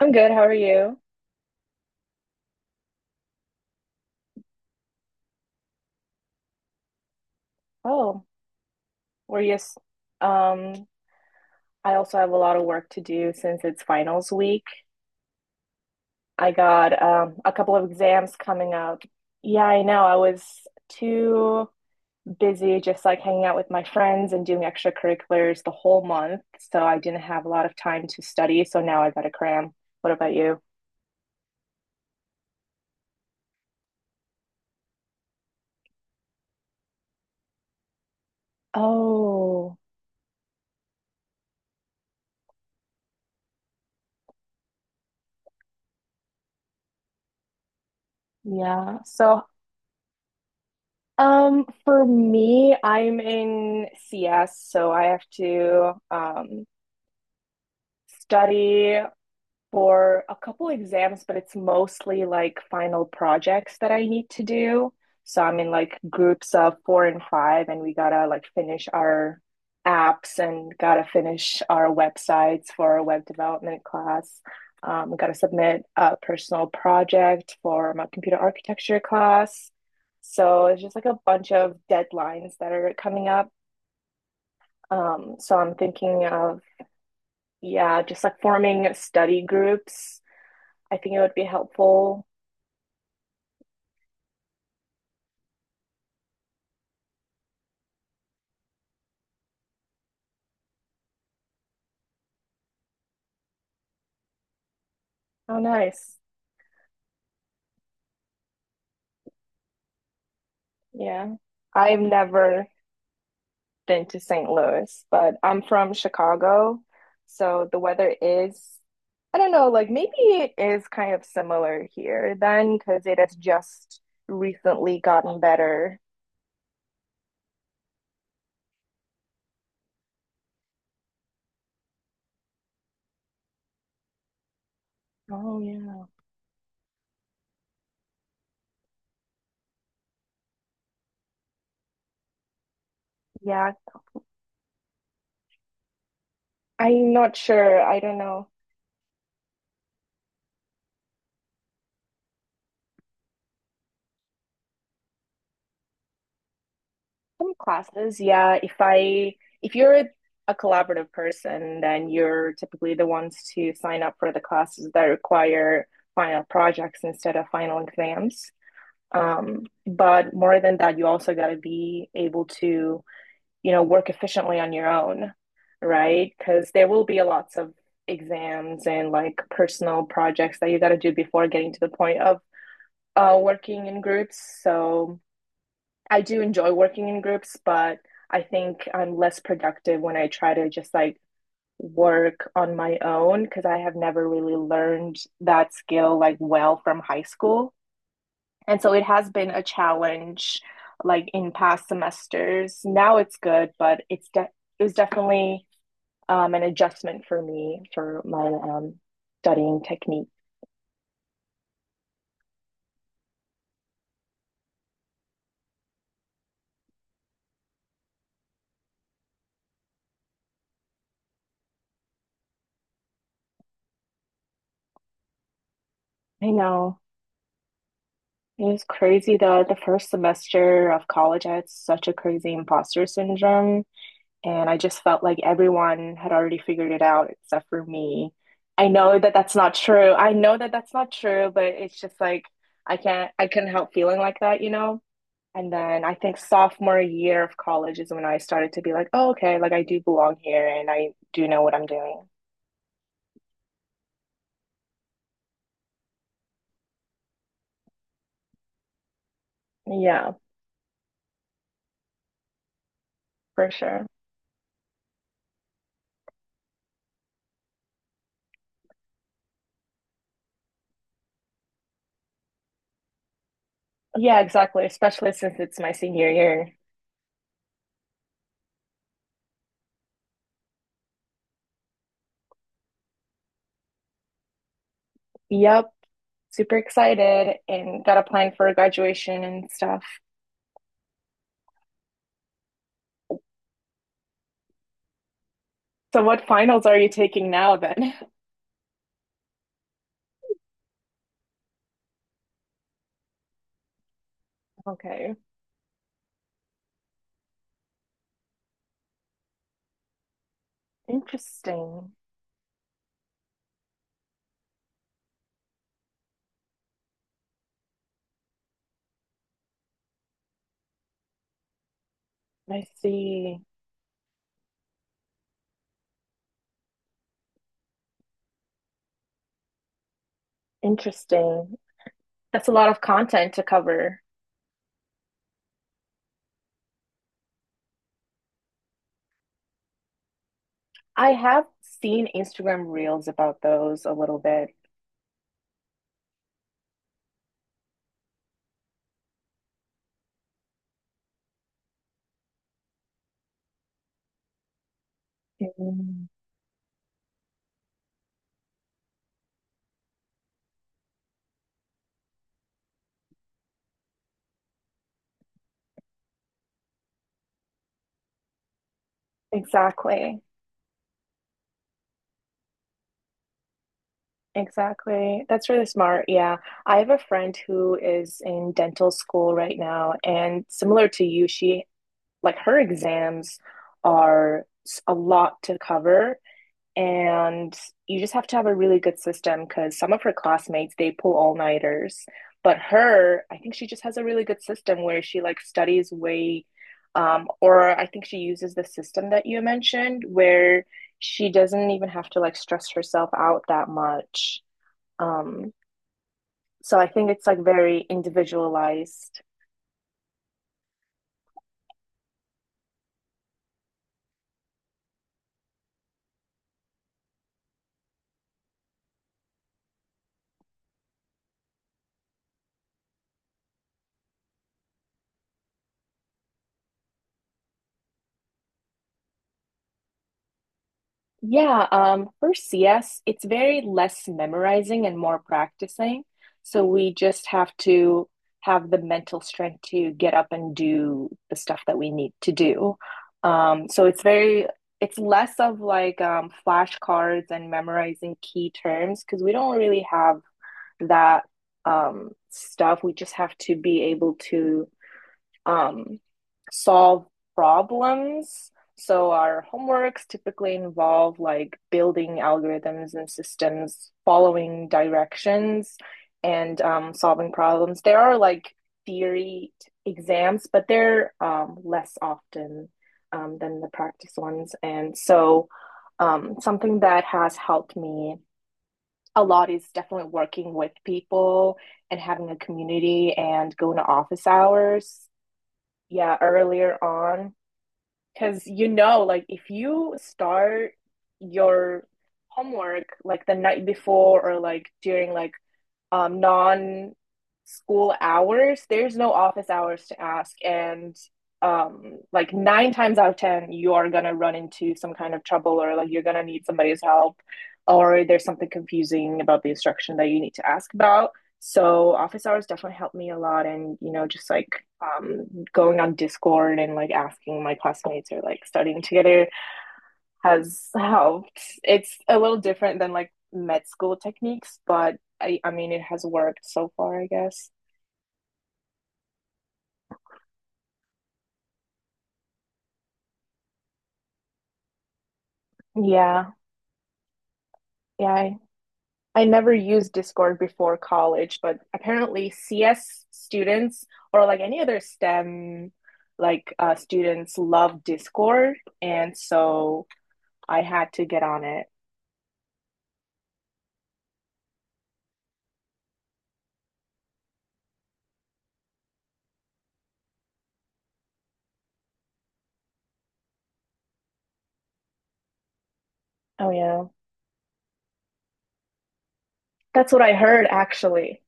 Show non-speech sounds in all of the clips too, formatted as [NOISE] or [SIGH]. I'm good. How are you? Oh, we're just, um, I also have a lot of work to do since it's finals week. I got a couple of exams coming up. Yeah, I know. I was too busy just like hanging out with my friends and doing extracurriculars the whole month, so I didn't have a lot of time to study. So now I gotta cram. What about you? Oh, yeah. So, for me, I'm in CS, so I have to study for a couple exams, but it's mostly like final projects that I need to do. So I'm in like groups of four and five, and we gotta like finish our apps and gotta finish our websites for our web development class. We gotta submit a personal project for my computer architecture class. So it's just like a bunch of deadlines that are coming up. So I'm thinking of Yeah, just like forming study groups. I think it would be helpful. Oh, nice. Yeah. I've never been to St. Louis, but I'm from Chicago. So the weather is, I don't know, like maybe it is kind of similar here then because it has just recently gotten better. Oh, yeah. Yeah. I'm not sure. I don't know. Some classes, yeah. If you're a collaborative person, then you're typically the ones to sign up for the classes that require final projects instead of final exams. But more than that, you also got to be able to, you know, work efficiently on your own, right? Because there will be lots of exams and like personal projects that you got to do before getting to the point of working in groups. So I do enjoy working in groups, but I think I'm less productive when I try to just like work on my own because I have never really learned that skill like well from high school. And so it has been a challenge like in past semesters. Now it's good, but it was definitely an adjustment for me for my studying technique. I know. It was crazy though. The first semester of college, I had such a crazy imposter syndrome. And I just felt like everyone had already figured it out except for me. I know that that's not true. I know that that's not true, but it's just like I couldn't help feeling like that, you know? And then I think sophomore year of college is when I started to be like, oh, okay, like I do belong here and I do know what I'm doing. Yeah, for sure. Yeah, exactly. Especially since it's my senior year. Yep. Super excited and got applying for graduation and stuff. So, what finals are you taking now then? [LAUGHS] Okay. Interesting. I see. Interesting. That's a lot of content to cover. I have seen Instagram reels about those a little bit. Mm. Exactly. Exactly. That's really smart. Yeah. I have a friend who is in dental school right now, and similar to you, she like her exams a lot to cover and you just have to have a really good system because some of her classmates they pull all nighters but her I think she just has a really good system where she like studies way or I think she uses the system that you mentioned where she doesn't even have to like stress herself out that much um, so I think it's like very individualized. Yeah, for CS, it's very less memorizing and more practicing. So we just have to have the mental strength to get up and do the stuff that we need to do. Um, so it's very, it's less of like flashcards and memorizing key terms because we don't really have that stuff. We just have to be able to um, solve problems. So our homeworks typically involve like building algorithms and systems, following directions, and solving problems. There are like theory exams, but they're less often than the practice ones. And so, something that has helped me a lot is definitely working with people and having a community and going to office hours, yeah, earlier on. Because you know, like if you start your homework like the night before or like during like non-school hours, there's no office hours to ask. And like nine times out of 10, you are gonna run into some kind of trouble or like you're gonna need somebody's help or there's something confusing about the instruction that you need to ask about. So office hours definitely helped me a lot and you know just like going on Discord and like asking my classmates or like studying together has helped. It's a little different than like med school techniques, but I mean, it has worked so far, I guess. Yeah, yeah. I never used Discord before college, but apparently CS students or like any other STEM like students love Discord, and so I had to get on it. Oh yeah, that's what I heard actually.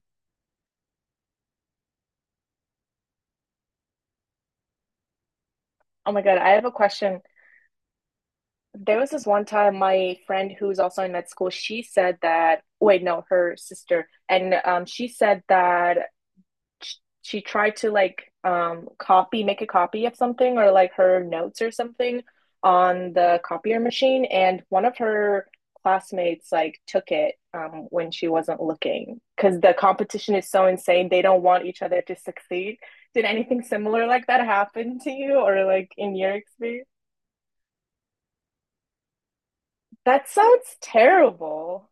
Oh my God, I have a question. There was this one time my friend who's also in med school, she said that, wait, no, her sister, and she said that sh- she tried to like copy, make a copy of something or like her notes or something on the copier machine, and one of her classmates like took it when she wasn't looking because the competition is so insane. They don't want each other to succeed. Did anything similar like that happen to you or like in your experience? That sounds terrible.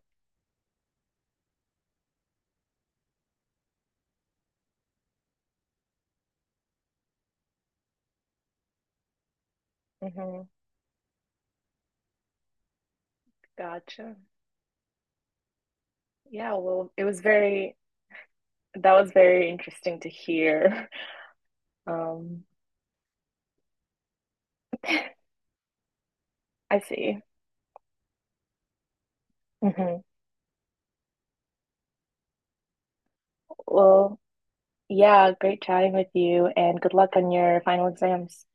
Hmm. Gotcha. Yeah, well, that was very interesting to hear. [LAUGHS] Um, [LAUGHS] I see. Hmm. Well, yeah, great chatting with you and good luck on your final exams.